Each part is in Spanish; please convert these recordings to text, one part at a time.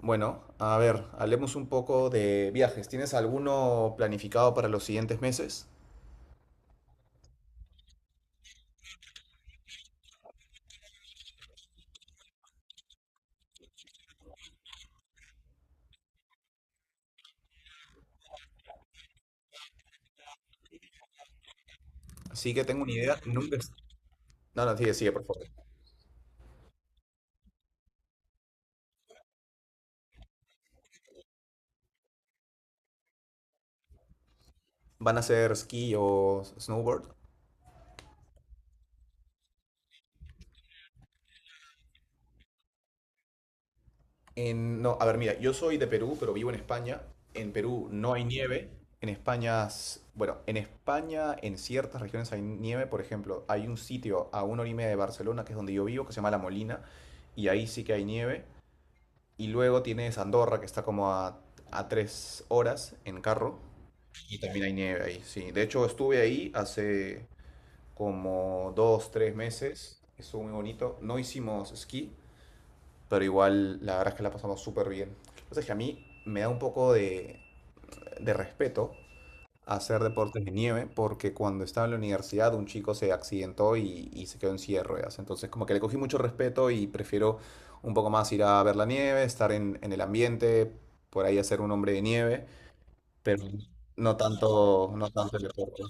Bueno, a ver, hablemos un poco de viajes. ¿Tienes alguno planificado para los siguientes meses? Así que tengo una idea. Nunca. No, no, sigue, sigue, por favor. ¿Van a ser esquí o snowboard? No, a ver, mira, yo soy de Perú, pero vivo en España. En Perú no hay nieve. En España, en ciertas regiones hay nieve. Por ejemplo, hay un sitio a una hora y media de Barcelona, que es donde yo vivo, que se llama La Molina, y ahí sí que hay nieve. Y luego tienes Andorra, que está como a 3 horas en carro. Y también hay nieve ahí, sí. De hecho, estuve ahí hace como 2, 3 meses. Estuvo muy bonito. No hicimos esquí, pero igual la verdad es que la pasamos súper bien. Entonces, que a mí me da un poco de respeto hacer deportes de nieve porque cuando estaba en la universidad un chico se accidentó y se quedó en silla de ruedas. Entonces como que le cogí mucho respeto y prefiero un poco más ir a ver la nieve, estar en el ambiente, por ahí hacer un hombre de nieve, pero no tanto, no tanto el deporte.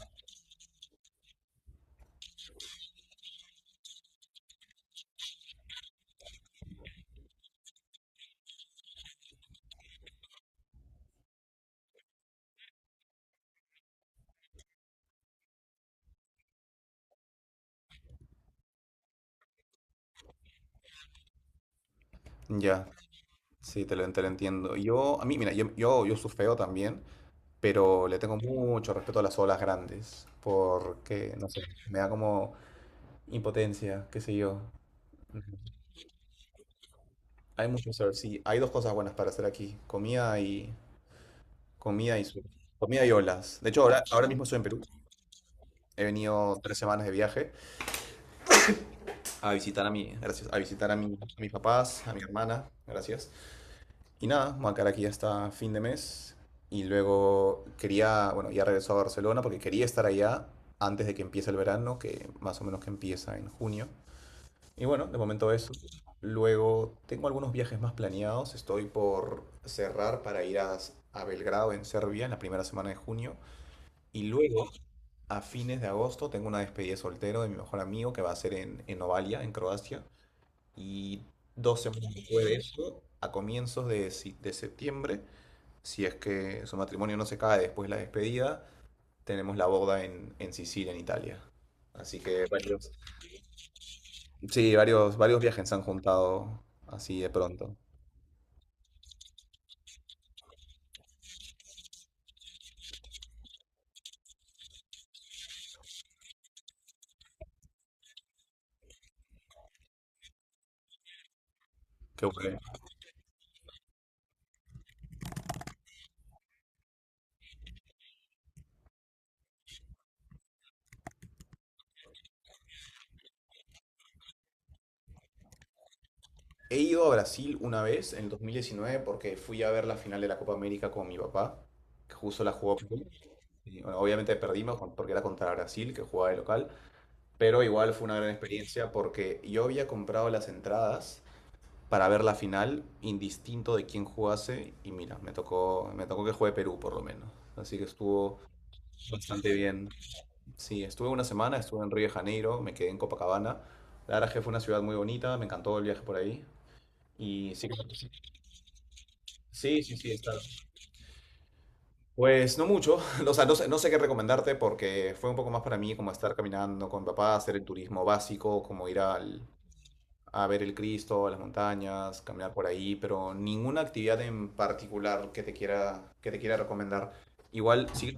Ya, sí, te lo entiendo. Yo, a mí, mira, yo surfeo también, pero le tengo mucho respeto a las olas grandes porque, no sé, me da como impotencia, qué sé yo. Hay mucho surf, sí. Hay dos cosas buenas para hacer aquí. Comida y surf. Comida y olas. De hecho, ahora mismo estoy en Perú. He venido 3 semanas de viaje a visitar a mi, gracias, a mis papás, a mi hermana, gracias. Y nada, me voy a quedar aquí hasta fin de mes. Y luego quería, bueno, ya regresó a Barcelona porque quería estar allá antes de que empiece el verano, que más o menos que empieza en junio. Y bueno, de momento eso. Luego tengo algunos viajes más planeados. Estoy por cerrar para ir a Belgrado en Serbia en la primera semana de junio. Y luego, a fines de agosto, tengo una despedida de soltero de mi mejor amigo que va a ser en Novalia, en Croacia. Y 2 semanas después de eso, a comienzos de septiembre, si es que su matrimonio no se cae después de la despedida, tenemos la boda en Sicilia, en Italia. Así que varios, sí, varios viajes se han juntado así de pronto. Qué bueno. He ido a Brasil una vez en el 2019 porque fui a ver la final de la Copa América con mi papá, que justo la jugó Perú. Y, bueno, obviamente perdimos porque era contra Brasil, que jugaba de local, pero igual fue una gran experiencia porque yo había comprado las entradas para ver la final, indistinto de quién jugase, y mira, me tocó que juegue Perú por lo menos. Así que estuvo bastante bien. Sí, estuve una semana, estuve en Río de Janeiro, me quedé en Copacabana. La verdad es que fue una ciudad muy bonita, me encantó el viaje por ahí. Y sí, sí, pues no mucho, o sea, no sé qué recomendarte porque fue un poco más para mí como estar caminando con mi papá, hacer el turismo básico, como a ver el Cristo, a las montañas, caminar por ahí, pero ninguna actividad en particular que te quiera recomendar. Igual, sí,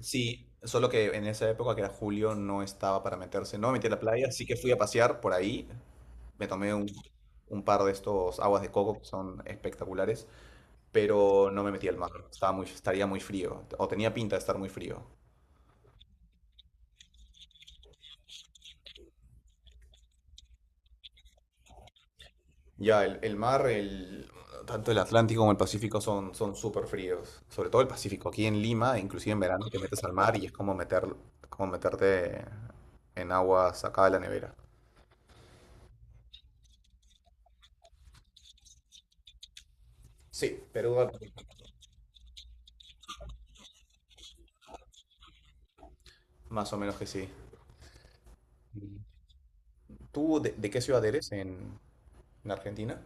sí, solo que en esa época, que era julio, no estaba para meterse. No me metí a la playa, sí que fui a pasear por ahí. Me tomé un par de estos aguas de coco que son espectaculares, pero no me metí al mar. Estaba muy, estaría muy frío, o tenía pinta de estar muy frío. Ya, el mar, tanto el Atlántico como el Pacífico son súper fríos. Sobre todo el Pacífico. Aquí en Lima, inclusive en verano, te metes al mar y es como, como meterte en agua sacada de la nevera. Sí, Perú, más o menos que sí. ¿Tú de qué ciudad eres en Argentina?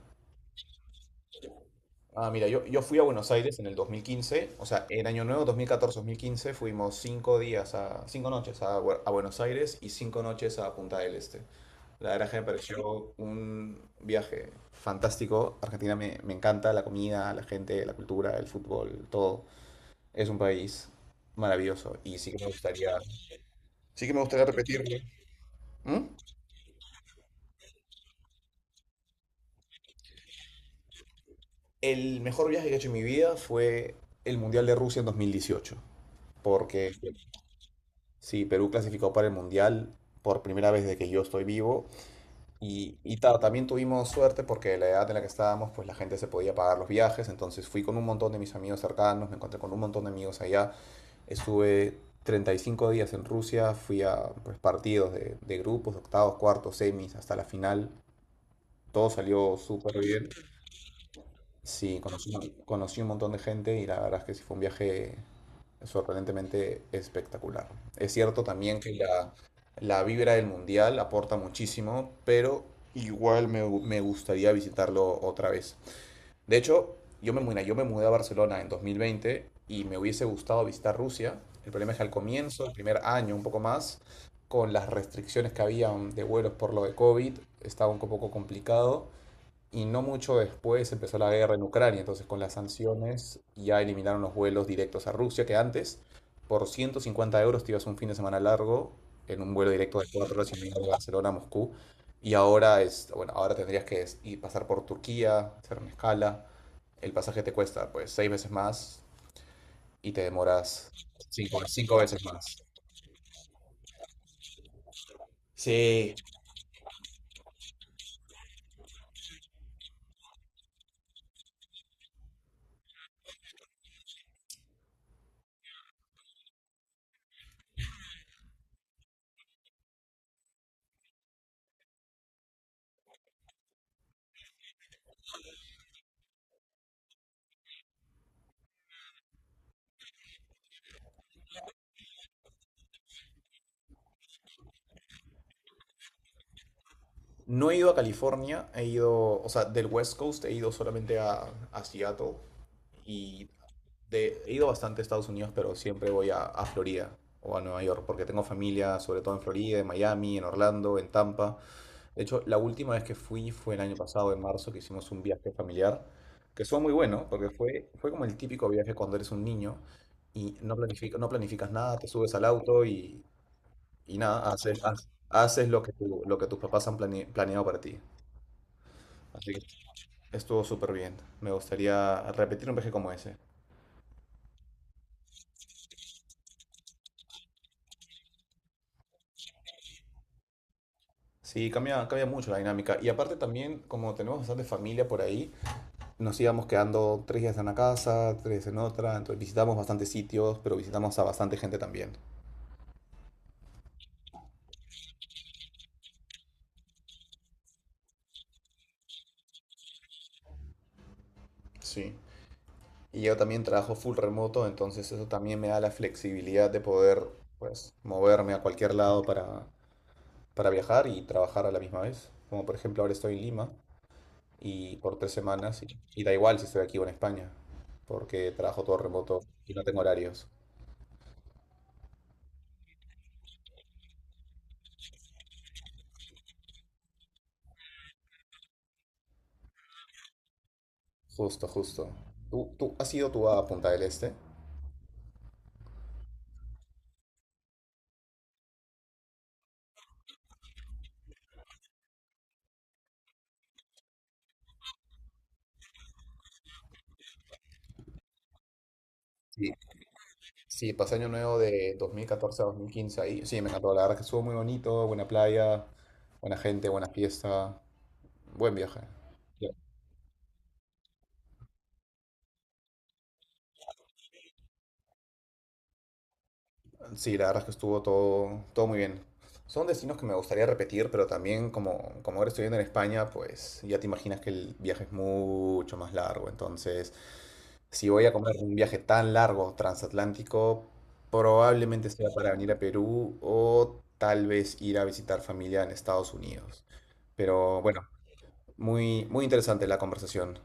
Ah, mira, yo fui a Buenos Aires en el 2015, o sea, en Año Nuevo dos mil catorce mil quince fuimos 5 días a, 5 noches a Buenos Aires y 5 noches a Punta del Este. La verdad que me pareció un viaje fantástico. Argentina me encanta, la comida, la gente, la cultura, el fútbol, todo. Es un país maravilloso y sí que me gustaría repetirlo. ¿Mm? El mejor viaje que he hecho en mi vida fue el Mundial de Rusia en 2018. Porque sí, Perú clasificó para el Mundial por primera vez desde que yo estoy vivo. Y también tuvimos suerte porque la edad en la que estábamos, pues la gente se podía pagar los viajes. Entonces fui con un montón de mis amigos cercanos, me encontré con un montón de amigos allá. Estuve 35 días en Rusia, fui a pues, partidos de grupos, octavos, cuartos, semis, hasta la final. Todo salió súper bien. Sí, conocí un montón de gente y la verdad es que sí fue un viaje sorprendentemente espectacular. Es cierto también que la vibra del mundial aporta muchísimo, pero igual me gustaría visitarlo otra vez. De hecho, mira, yo me mudé a Barcelona en 2020 y me hubiese gustado visitar Rusia. El problema es que al comienzo, el primer año, un poco más, con las restricciones que había de vuelos por lo de COVID, estaba un poco complicado. Y no mucho después empezó la guerra en Ucrania, entonces con las sanciones ya eliminaron los vuelos directos a Rusia, que antes por 150 euros te ibas un fin de semana largo en un vuelo directo de 4 horas y media de Barcelona a Moscú. Y ahora es, bueno, ahora tendrías que pasar por Turquía, hacer una escala. El pasaje te cuesta pues seis veces más y te demoras cinco veces más. Sí. No he ido a California, o sea, del West Coast he ido solamente a Seattle. Y he ido bastante a Estados Unidos, pero siempre voy a Florida o a Nueva York, porque tengo familia, sobre todo en Florida, en Miami, en Orlando, en Tampa. De hecho, la última vez que fui fue el año pasado, en marzo, que hicimos un viaje familiar, que estuvo muy bueno, porque fue como el típico viaje cuando eres un niño y no planificas nada, te subes al auto y nada, haces lo que lo que tus papás han planeado para ti. Así que estuvo súper bien. Me gustaría repetir un viaje como ese. Sí, cambia, cambia mucho la dinámica. Y aparte también, como tenemos bastante familia por ahí, nos íbamos quedando 3 días en una casa, tres en otra, entonces visitamos bastantes sitios, pero visitamos a bastante gente también. Sí. Y yo también trabajo full remoto, entonces eso también me da la flexibilidad de poder, pues, moverme a cualquier lado para viajar y trabajar a la misma vez. Como por ejemplo ahora estoy en Lima y por 3 semanas, y da igual si estoy aquí o en España, porque trabajo todo remoto y no tengo horarios. Justo, justo. ¿Tú has ido tú a Punta del Este? Sí. Sí, pasé año nuevo de 2014 a 2015 ahí. Sí, me encantó. La verdad que estuvo muy bonito, buena playa, buena gente, buena fiesta, buen viaje. Sí, la verdad es que estuvo todo, todo muy bien. Son destinos que me gustaría repetir, pero también como ahora estoy viviendo en España, pues ya te imaginas que el viaje es mucho más largo. Entonces, si voy a comer un viaje tan largo transatlántico, probablemente sea para venir a Perú o tal vez ir a visitar familia en Estados Unidos. Pero bueno, muy, muy interesante la conversación.